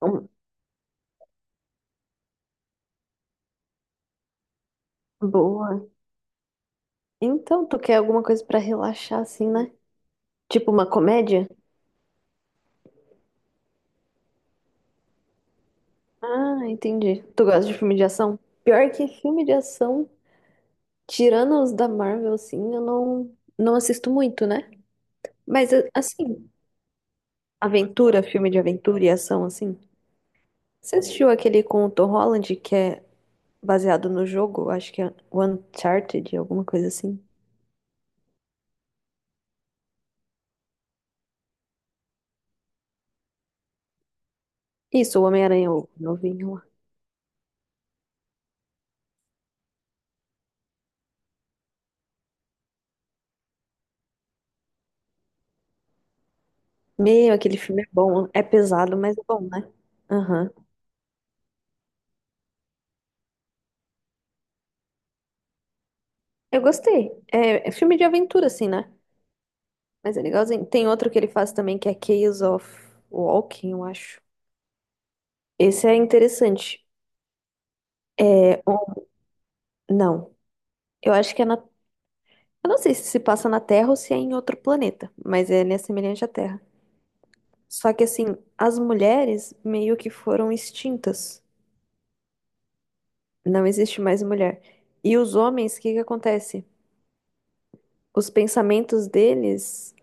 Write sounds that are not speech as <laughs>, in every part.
Hum, Boa. Então, tu quer alguma coisa pra relaxar assim, né? Tipo uma comédia? Ah, entendi. Tu gosta de filme de ação? Pior que filme de ação, tirando os da Marvel, assim, eu não assisto muito, né? Mas assim, aventura, filme de aventura e ação, assim. Você assistiu aquele com o Tom Holland que é baseado no jogo? Acho que é Uncharted, alguma coisa assim. Isso, o Homem-Aranha, o novinho lá. Meu, aquele filme é bom. É pesado, mas é bom, né? Aham. Eu gostei. É, é filme de aventura, assim, né? Mas é legalzinho. Tem outro que ele faz também, que é Chaos of Walking, eu acho. Esse é interessante. É, não. Eu acho que é na. Eu não sei se passa na Terra ou se é em outro planeta, mas é, ele é né, semelhante à Terra. Só que, assim, as mulheres meio que foram extintas. Não existe mais mulher. E os homens, o que que acontece? Os pensamentos deles,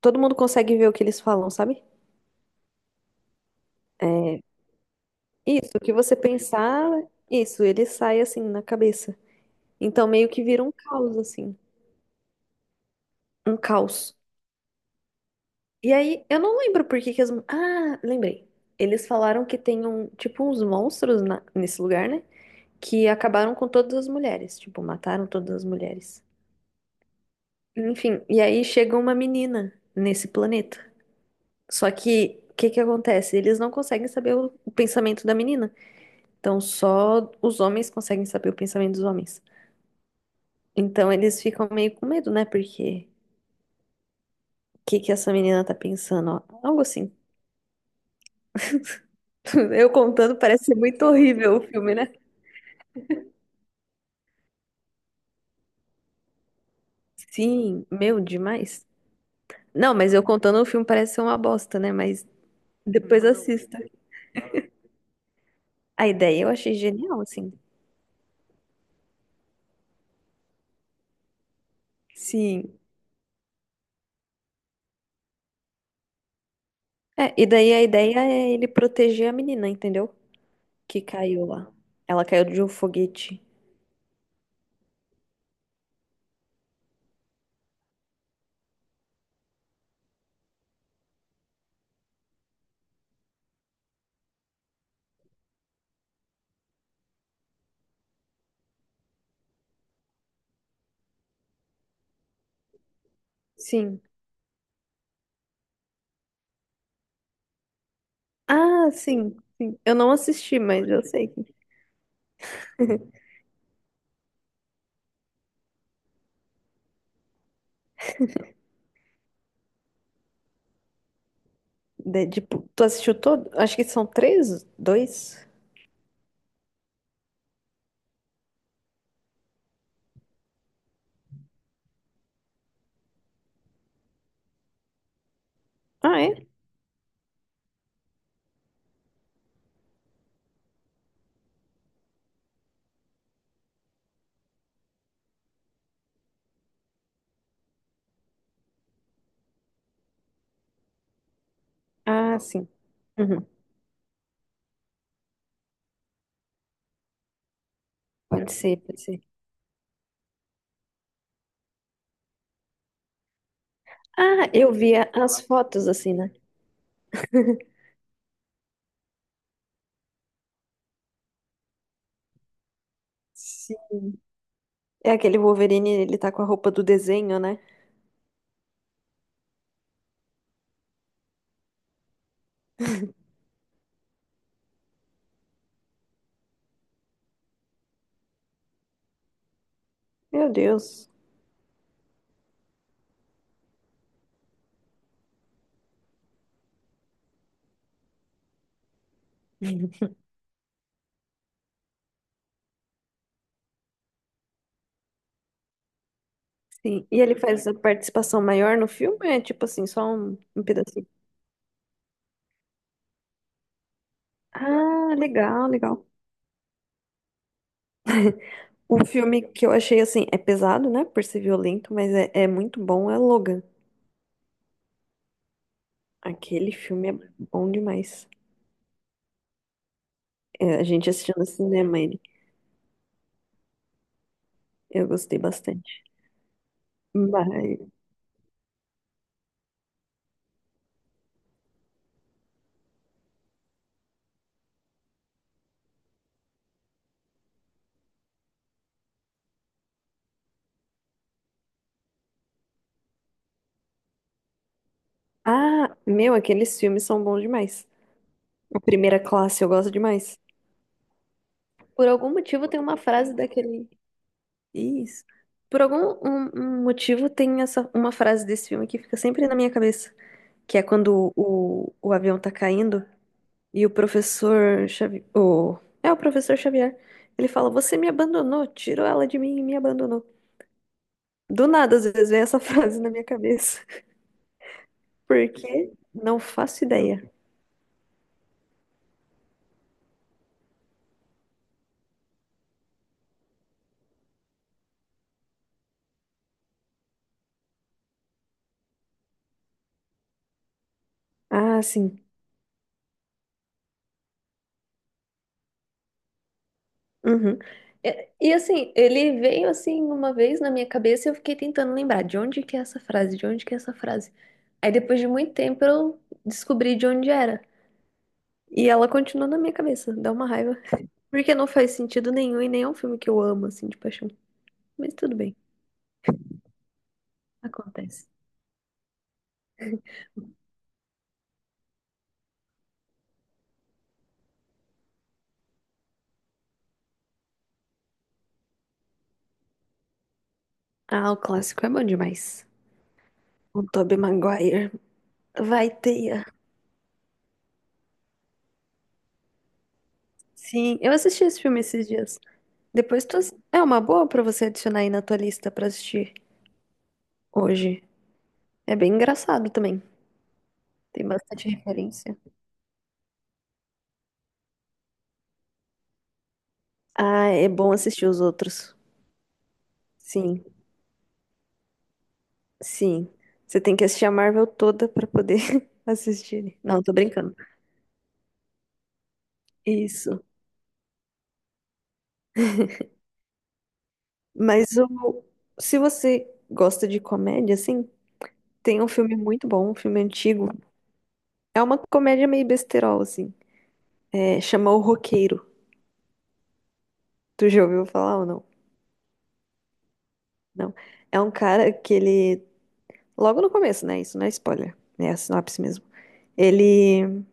todo mundo consegue ver o que eles falam, sabe? Isso, o que você pensar, isso, ele sai assim na cabeça. Então meio que vira um caos, assim. Um caos. E aí, eu não lembro por que que as. Ah, lembrei. Eles falaram que tem um, tipo, uns monstros nesse lugar, né? Que acabaram com todas as mulheres. Tipo, mataram todas as mulheres. Enfim, e aí chega uma menina nesse planeta. Só que, o que que acontece? Eles não conseguem saber o pensamento da menina. Então, só os homens conseguem saber o pensamento dos homens. Então eles ficam meio com medo, né? Porque o que que essa menina tá pensando? Ó? Algo assim. <laughs> Eu contando parece ser muito horrível o filme, né? Sim, meu, demais. Não, mas eu contando o filme parece ser uma bosta, né? Mas depois assista. A ideia eu achei genial, assim. Sim. É, e daí a ideia é ele proteger a menina, entendeu? Que caiu lá. Ela caiu de um foguete. Sim. Ah, sim, sim. Eu não assisti, mas eu sei. <laughs> Tipo, tu assistiu todo? Acho que são três, dois. Ah, é? Ah, sim. Uhum. Pode ser, pode ser. Ah, eu via as fotos assim, né? <laughs> Sim. É aquele Wolverine, ele tá com a roupa do desenho, né? Meu Deus. Sim. E ele faz a participação maior no filme? É tipo assim, só um, um pedacinho. Ah, legal, legal. O filme que eu achei assim, é pesado, né? Por ser violento, mas é, é muito bom, é Logan. Aquele filme é bom demais. É, a gente assistindo no cinema ele. Eu gostei bastante. Mas... Ah, meu, aqueles filmes são bons demais. A primeira classe eu gosto demais. Por algum motivo tem uma frase daquele. Isso. Por algum um motivo tem essa uma frase desse filme que fica sempre na minha cabeça, que é quando o avião tá caindo e o professor Xavier, o, é o professor Xavier, ele fala: "Você me abandonou, tirou ela de mim e me abandonou". Do nada às vezes vem essa <laughs> frase na minha cabeça, porque não faço ideia. Ah, sim. Uhum. Assim, ele veio assim uma vez na minha cabeça e eu fiquei tentando lembrar de onde que é essa frase, de onde que é essa frase. Aí depois de muito tempo eu descobri de onde era. E ela continua na minha cabeça, dá uma raiva. <laughs> Porque não faz sentido nenhum e nem é um filme que eu amo, assim, de paixão. Mas tudo bem, acontece. Ah, o clássico é bom demais. O Tobey Maguire. Vai, teia. Sim, eu assisti esse filme esses dias. Depois tu... É uma boa pra você adicionar aí na tua lista pra assistir hoje. É bem engraçado também. Tem bastante referência. Ah, é bom assistir os outros. Sim, sim. Você tem que assistir a Marvel toda pra poder <laughs> assistir. Não, tô brincando. Isso. Mas o... se você gosta de comédia, assim, tem um filme muito bom, um filme antigo. É uma comédia meio besterol, assim. É, chama O Roqueiro. Tu já ouviu falar ou não? Não. É um cara que ele. Logo no começo, né? Isso não é spoiler. Né? É a sinopse mesmo. Ele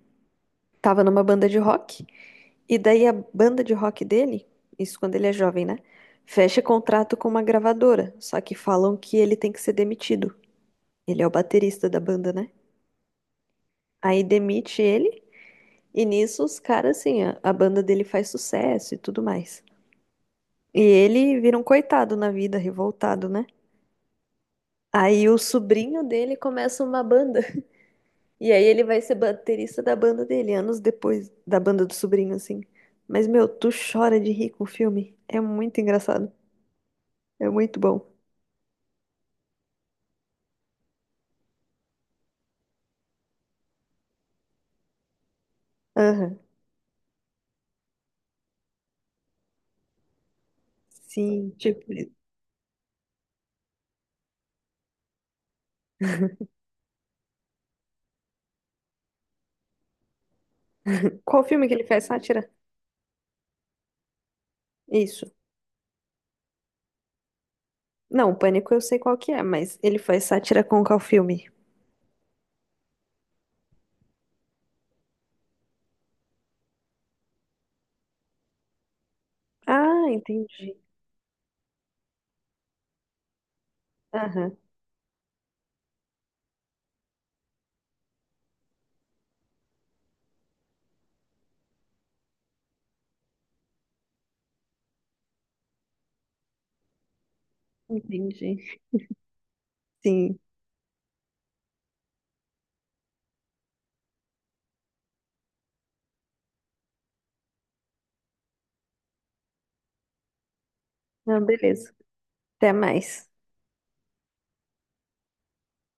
tava numa banda de rock. E daí a banda de rock dele, isso quando ele é jovem, né? Fecha contrato com uma gravadora, só que falam que ele tem que ser demitido. Ele é o baterista da banda, né? Aí demite ele, e nisso os caras, assim, a banda dele faz sucesso e tudo mais. E ele vira um coitado na vida, revoltado, né? Aí o sobrinho dele começa uma banda. E aí ele vai ser baterista da banda dele, anos depois da banda do sobrinho, assim. Mas, meu, tu chora de rir com o filme. É muito engraçado. É muito bom. Aham. Sim, tipo, qual filme que ele faz sátira? Isso. Não, Pânico eu sei qual que é, mas ele faz sátira com qual filme? Ah, entendi. Aham, entendi. Sim. Não, beleza. Até mais.